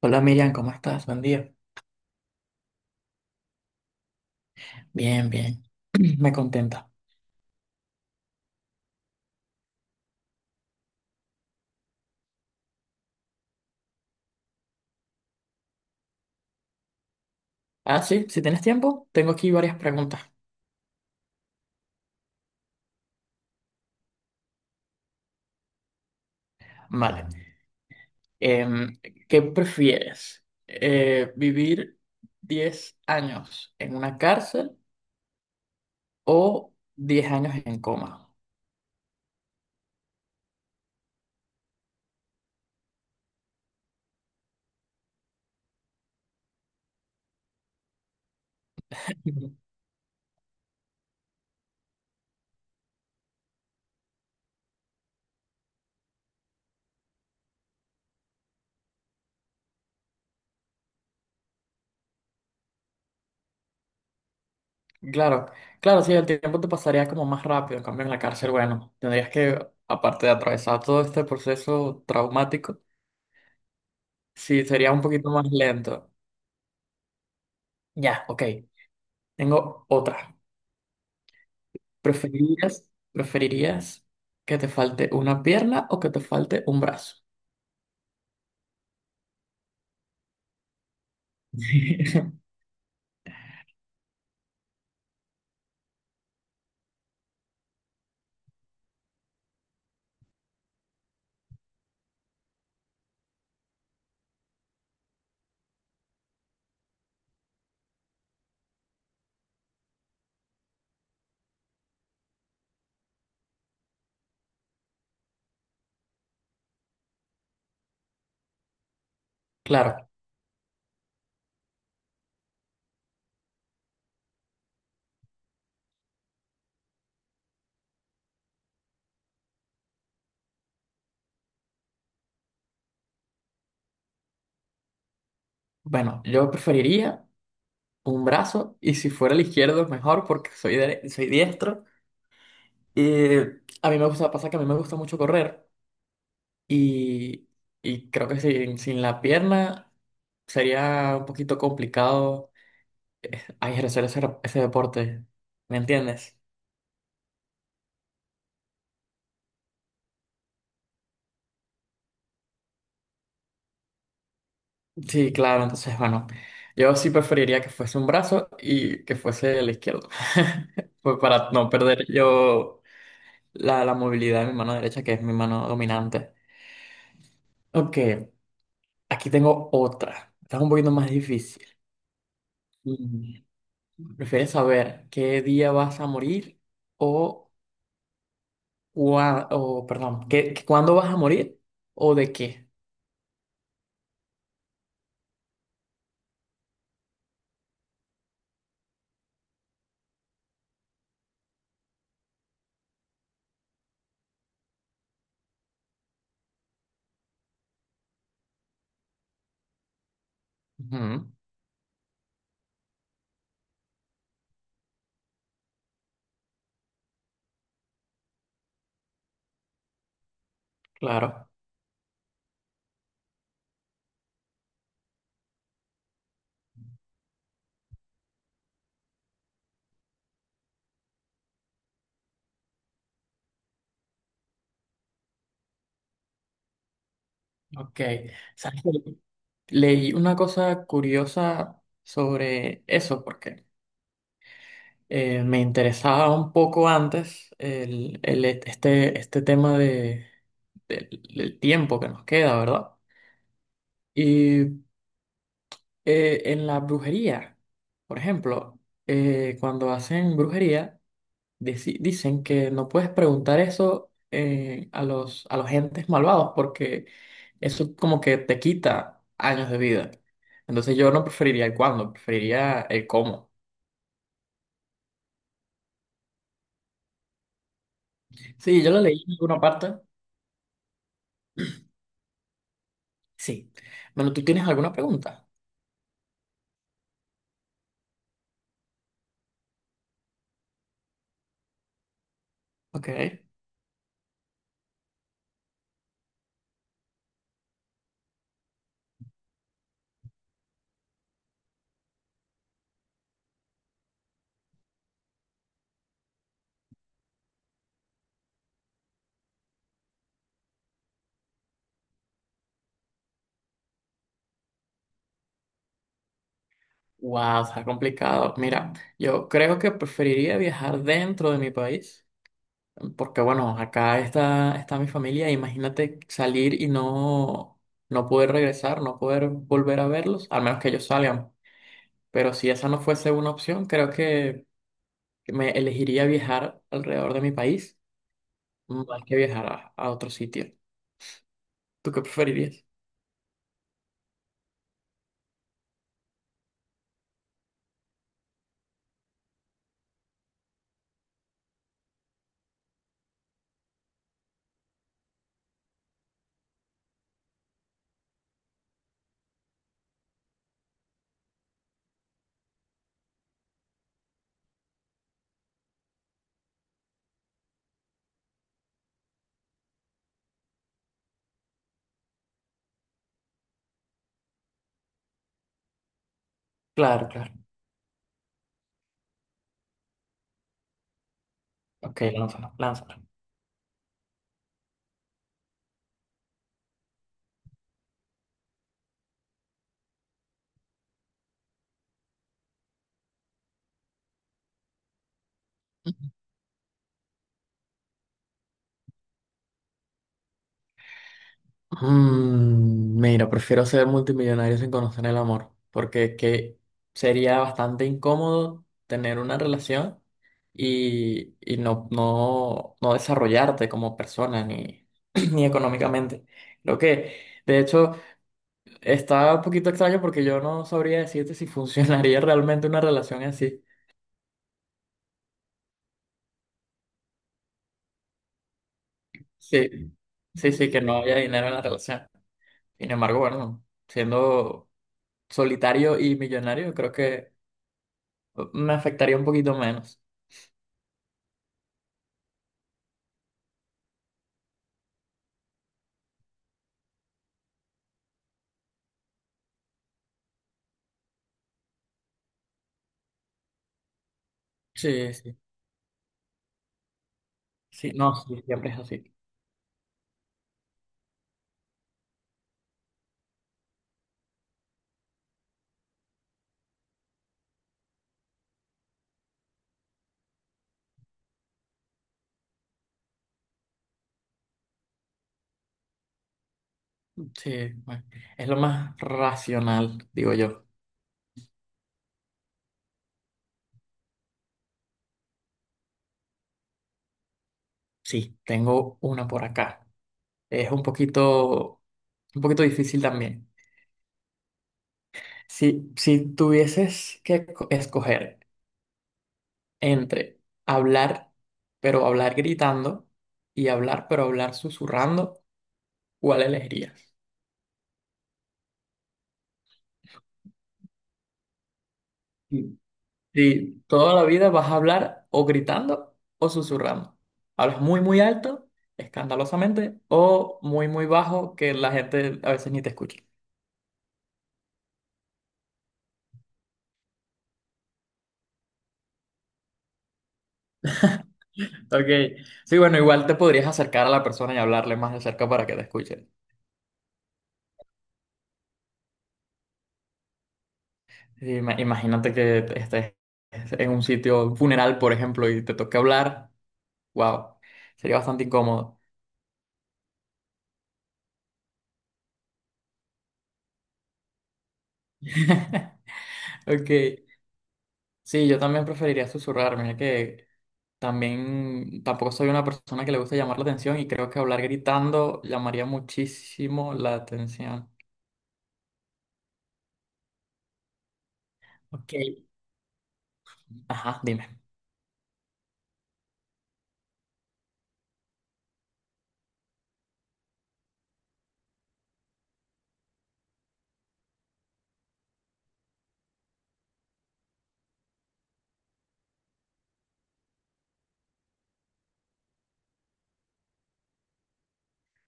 Hola Miriam, ¿cómo estás? Buen día. Bien, bien. Me contenta. Ah, sí, si tienes tiempo, tengo aquí varias preguntas. Vale. Em, ¿Qué prefieres? ¿Vivir 10 años en una cárcel o 10 años en coma? Ujú. Claro, claro, sí, el tiempo te pasaría como más rápido. En cambio, en la cárcel, bueno, tendrías que, aparte de atravesar todo este proceso traumático, sí, sería un poquito más lento. Ya, ok. Tengo otra. ¿Preferirías, preferirías que te falte una pierna o que te falte un brazo? Claro, bueno, yo preferiría un brazo y si fuera el izquierdo mejor porque soy, soy diestro. Y a mí me gusta, pasa que a mí me gusta mucho correr y, y creo que sin la pierna sería un poquito complicado ejercer ese deporte, ¿me entiendes? Sí, claro, entonces, bueno, yo sí preferiría que fuese un brazo y que fuese el izquierdo. Pues para no perder yo la movilidad de mi mano derecha, que es mi mano dominante. Ok, aquí tengo otra. Está un poquito más difícil. Mm, ¿Prefieres saber qué día vas a morir o, cuándo vas a morir o de qué? Ujú, claro, ok. ¿Sabes? Leí una cosa curiosa sobre eso porque me interesaba un poco antes este tema de, del, del tiempo que nos queda, ¿verdad? Y en la brujería, por ejemplo, cuando hacen brujería, dicen que no puedes preguntar eso a a los entes malvados porque eso como que te quita años de vida. Entonces yo no preferiría el cuándo, preferiría el cómo. Sí, yo lo leí en alguna parte. Sí. Bueno, ¿tú tienes alguna pregunta? Ok. Wow, está complicado. Mira, yo creo que preferiría viajar dentro de mi país. Porque bueno, acá está, está mi familia, imagínate salir y no, no poder regresar, no poder volver a verlos, al menos que ellos salgan. Pero si esa no fuese una opción, creo que me elegiría viajar alrededor de mi país más que viajar a otro sitio. ¿Tú qué preferirías? Claro, claro. Ok, lánzalo, lánzalo. Mira, prefiero ser multimillonario sin conocer el amor, porque que sería bastante incómodo tener una relación y no desarrollarte como persona ni, ni económicamente. Lo que, de hecho, está un poquito extraño porque yo no sabría decirte si funcionaría realmente una relación así. Sí, sí, sí, que no haya dinero en la relación. Sin embargo, bueno, siendo solitario y millonario, creo que me afectaría un poquito menos. Sí, sí. Sí, no, sí, siempre es así. Sí, bueno, es lo más racional, digo yo. Sí. Tengo una por acá. Es un poquito difícil también. Si tuvieses que escoger entre hablar, pero hablar gritando, y hablar, pero hablar susurrando, ¿cuál elegirías? Sí, toda la vida vas a hablar o gritando o susurrando. Hablas muy, muy alto, escandalosamente, o muy, muy bajo, que la gente a veces ni te escucha. Ok, sí, bueno, igual te podrías acercar a la persona y hablarle más de cerca para que te escuche. Imagínate que estés en un sitio, un funeral, por ejemplo, y te toque hablar. Wow, sería bastante incómodo. Ok, sí, yo también preferiría susurrar. Mira que. También tampoco soy una persona que le gusta llamar la atención y creo que hablar gritando llamaría muchísimo la atención. Ok. Ajá, dime.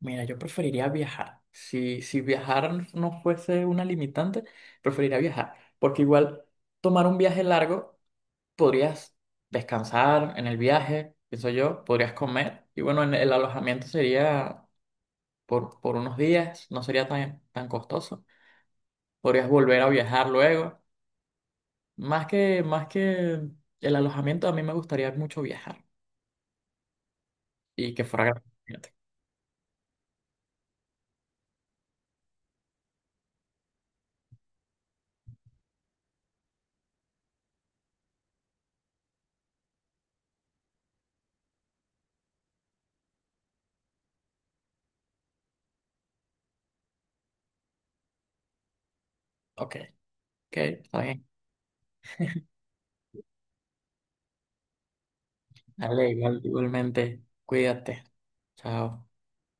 Mira, yo preferiría viajar. Si viajar no fuese una limitante, preferiría viajar. Porque igual tomar un viaje largo, podrías descansar en el viaje, pienso yo, podrías comer. Y bueno, en el alojamiento sería por unos días, no sería tan, tan costoso. Podrías volver a viajar luego. Más que el alojamiento, a mí me gustaría mucho viajar y que fuera gratis. Ok, ok, está bien. Dale, igualmente, cuídate. Chao.